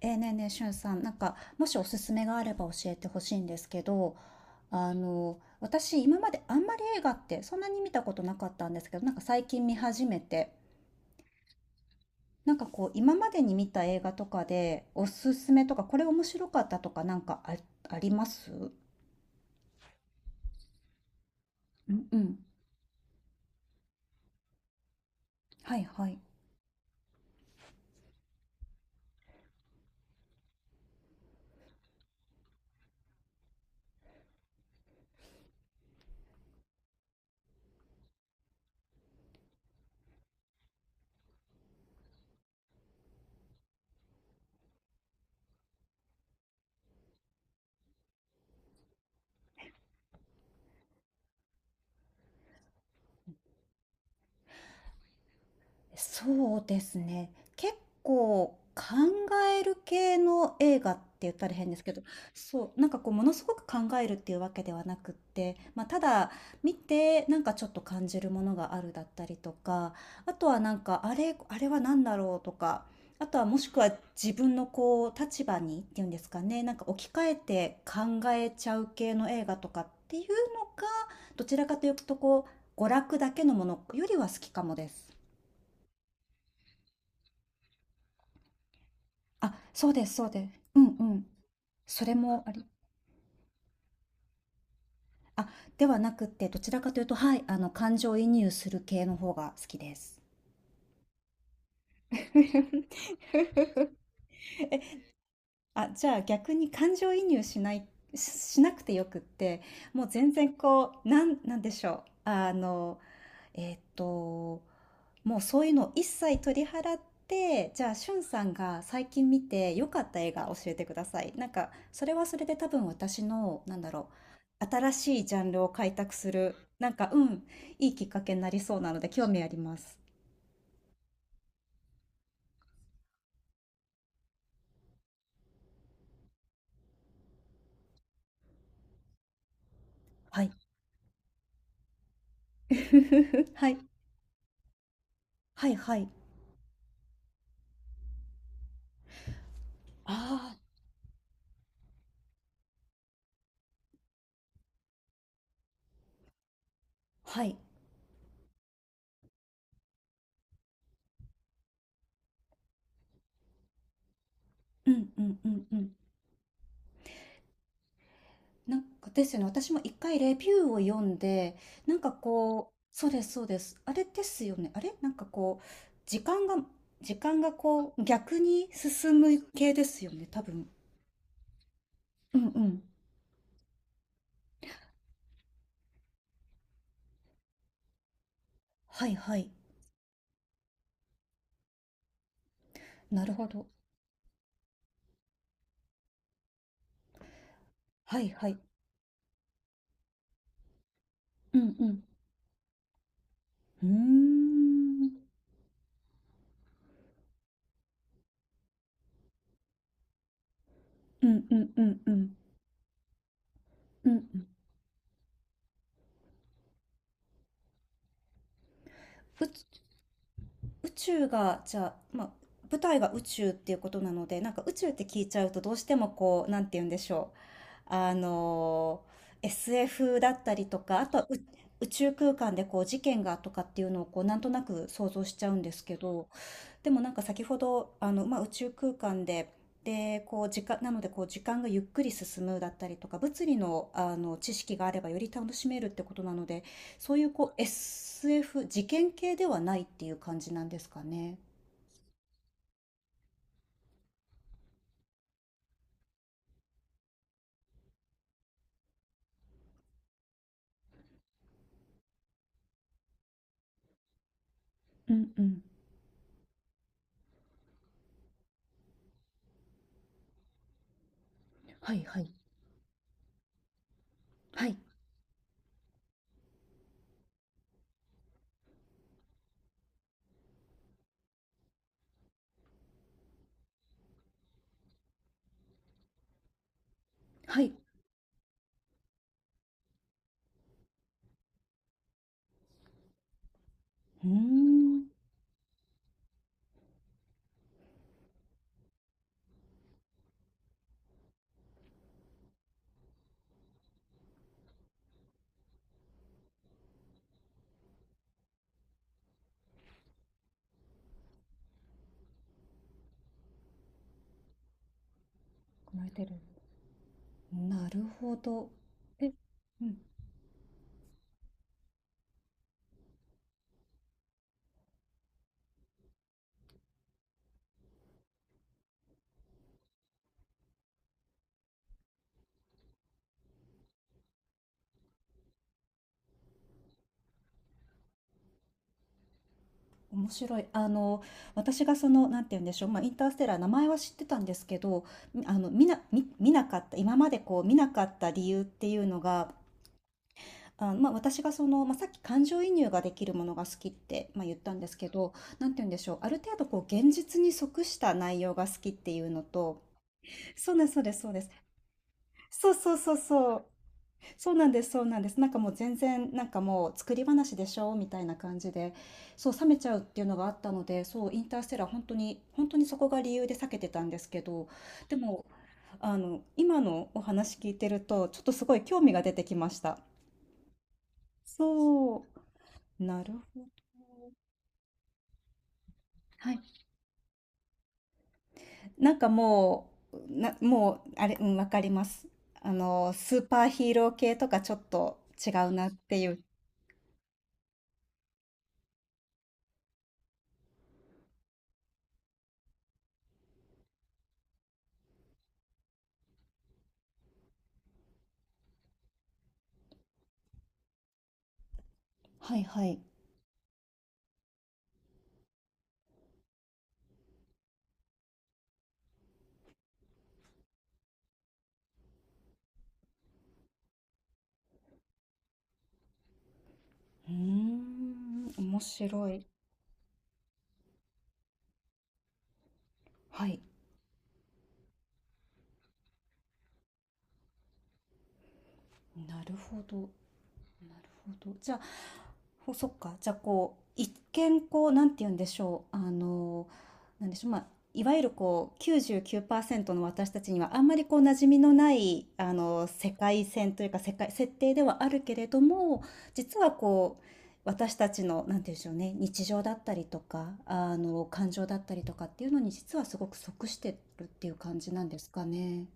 ねえねえ、しゅんさん、なんか、もしおすすめがあれば教えてほしいんですけど、あの、私、今まであんまり映画ってそんなに見たことなかったんですけど、なんか最近見始めて、なんかこう、今までに見た映画とかで、おすすめとか、これ面白かったとか、なんかあ、あります？うんうん。はいはい。そうですね。結構考える系の映画って言ったら変ですけど、そう、なんかこうものすごく考えるっていうわけではなくって、まあ、ただ見てなんかちょっと感じるものがあるだったりとか、あとはなんかあれ、あれは何だろうとか、あとはもしくは自分のこう立場にっていうんですかね、なんか置き換えて考えちゃう系の映画とかっていうのが、どちらかというとこう娯楽だけのものよりは好きかもです。あ、そうですそうです。うんうん。それもあり。あ、ではなくて、どちらかというと、はい、あの、感情移入する系の方が好きです。え、あ、じゃあ逆に感情移入しない、し、しなくてよくって、もう全然こう、なん、なんでしょう。あの、えっと、もうそういうのを一切取り払って、じゃあ、しゅんさんが最近見て良かった映画教えてください。なんか、それはそれで多分私の、なんだろう、新しいジャンルを開拓する、なんか、うん、いいきっかけになりそうなので、興味あります。はい はい。はい、はい。ああ、はい。うん、うん、うん、うん。なんかですよね。私も一回レビューを読んで、なんかこう、そうです、そうです。あれですよね。あれなんかこう、時間が、時間がこう、逆に進む系ですよね、多分。うんうん。はいはい。なるほど。はいはい。うんうん。うーん。うんうんうんうん。うんうん。宇宇宙が、じゃあ、まあ、舞台が宇宙っていうことなので、なんか宇宙って聞いちゃうとどうしてもこう、なんて言うんでしょう。あの、SF だったりとか、あとはう宇宙空間でこう事件がとかっていうのをこうなんとなく想像しちゃうんですけど、でもなんか先ほど、あの、まあ、宇宙空間で、で、こう時間、なのでこう時間がゆっくり進むだったりとか、物理の、あの知識があればより楽しめるってことなので、そういうこう SF、事件系ではないっていう感じなんですかね。うんうん。はいはい。はい。はい。うーん。生まれてる。なるほど。え、うん、面白い。あの、私がその、なんて言うんでしょう、まあ、インターステラー、名前は知ってたんですけど、みあの、見な、見、見なかった、今までこう、見なかった理由っていうのが、あ、まあ、私がその、まあ、さっき感情移入ができるものが好きって、まあ、言ったんですけど、なんて言うんでしょう、ある程度こう、現実に即した内容が好きっていうのと、そうです、そうです、そうです。そうそうそうそう。そうなんです、そうなんです。なんかもう全然、なんかもう作り話でしょみたいな感じで、そう、冷めちゃうっていうのがあったので、そう、インターステラー本当に、本当にそこが理由で避けてたんですけど、でも、あの、今のお話聞いてると、ちょっとすごい興味が出てきました。そう、なるほど。はい。なんかもう、な、もう、あれ、うん、わかります。あの、スーパーヒーロー系とかちょっと違うなっていう。はいはい。うーん、面白い。はい。なるほど。なるほど。じゃあ、ほそっか。じゃあ、こう、一見、こう、なんて言うんでしょう。あの、なんでしょう。まあ、いわゆる、こう、99%の私たちには、あんまり、こう、馴染みのない、あの、世界線というか、世界、設定ではあるけれども、実は、こう、私たちの、なんて言うんでしょうね、日常だったりとか、あの、感情だったりとかっていうのに、実はすごく即してるっていう感じなんですかね。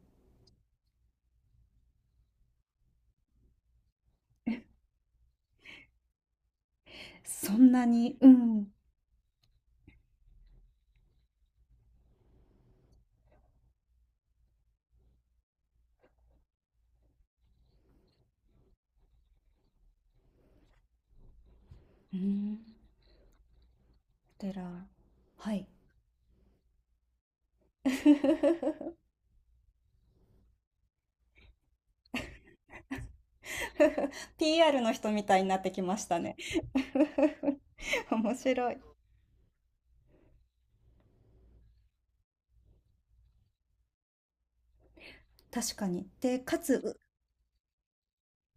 そんなに、うん。うん。テラ、はい。PR の人みたいになってきましたね。面白い。確かに。で、かつ、う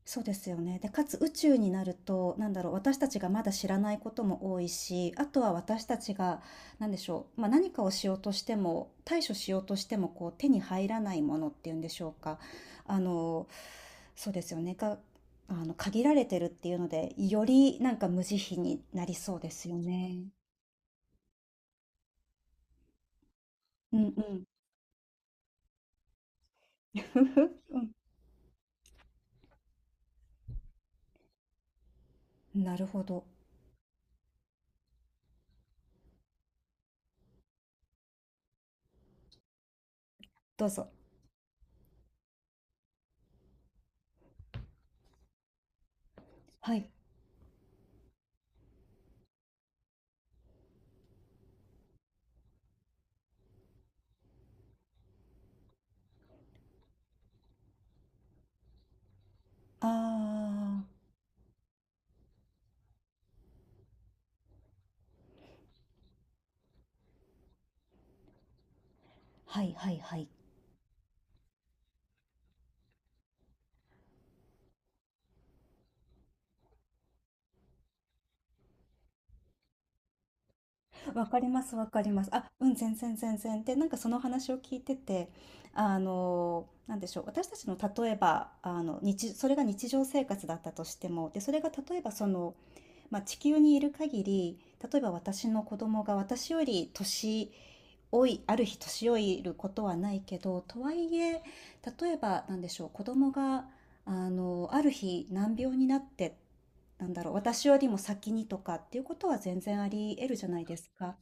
そうですよね。で、かつ宇宙になると、なんだろう、私たちがまだ知らないことも多いし、あとは私たちが、なんでしょう、まあ、何かをしようとしても、対処しようとしても、こう、手に入らないものっていうんでしょうか。あの、そうですよね。が、あの、限られてるっていうので、よりなんか無慈悲になりそうですよね。うんうん。なるほど。どうぞ。はい。ああ、はいはいはい。わかります、わかります。あ、うん、全然全然。で、なんかその話を聞いてて、あの、なんでしょう、私たちの例えば、あの、日、それが日常生活だったとしても、で、それが例えばその、まあ、地球にいる限り、例えば私の子供が私より年老いある日年老いることはないけど、とはいえ例えばなんでしょう子供があのある日難病になってなんだろう私よりも先にとかっていうことは全然あり得るじゃないですか。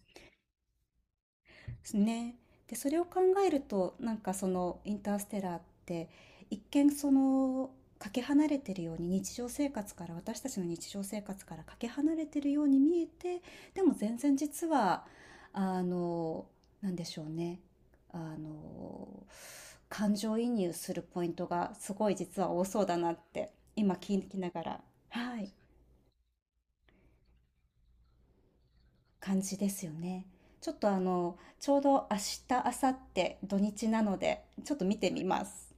ですね。で、それを考えると、なんかそのインターステラーって一見そのかけ離れてるように日常生活から私たちの日常生活からかけ離れてるように見えて、でも全然実はあのなんでしょうね。あの感情移入するポイントがすごい実は多そうだなって今聞きながら、はい、感じですよね。ちょっとあの、ちょうど明日、明後日、土日なので、ちょっと見てみます。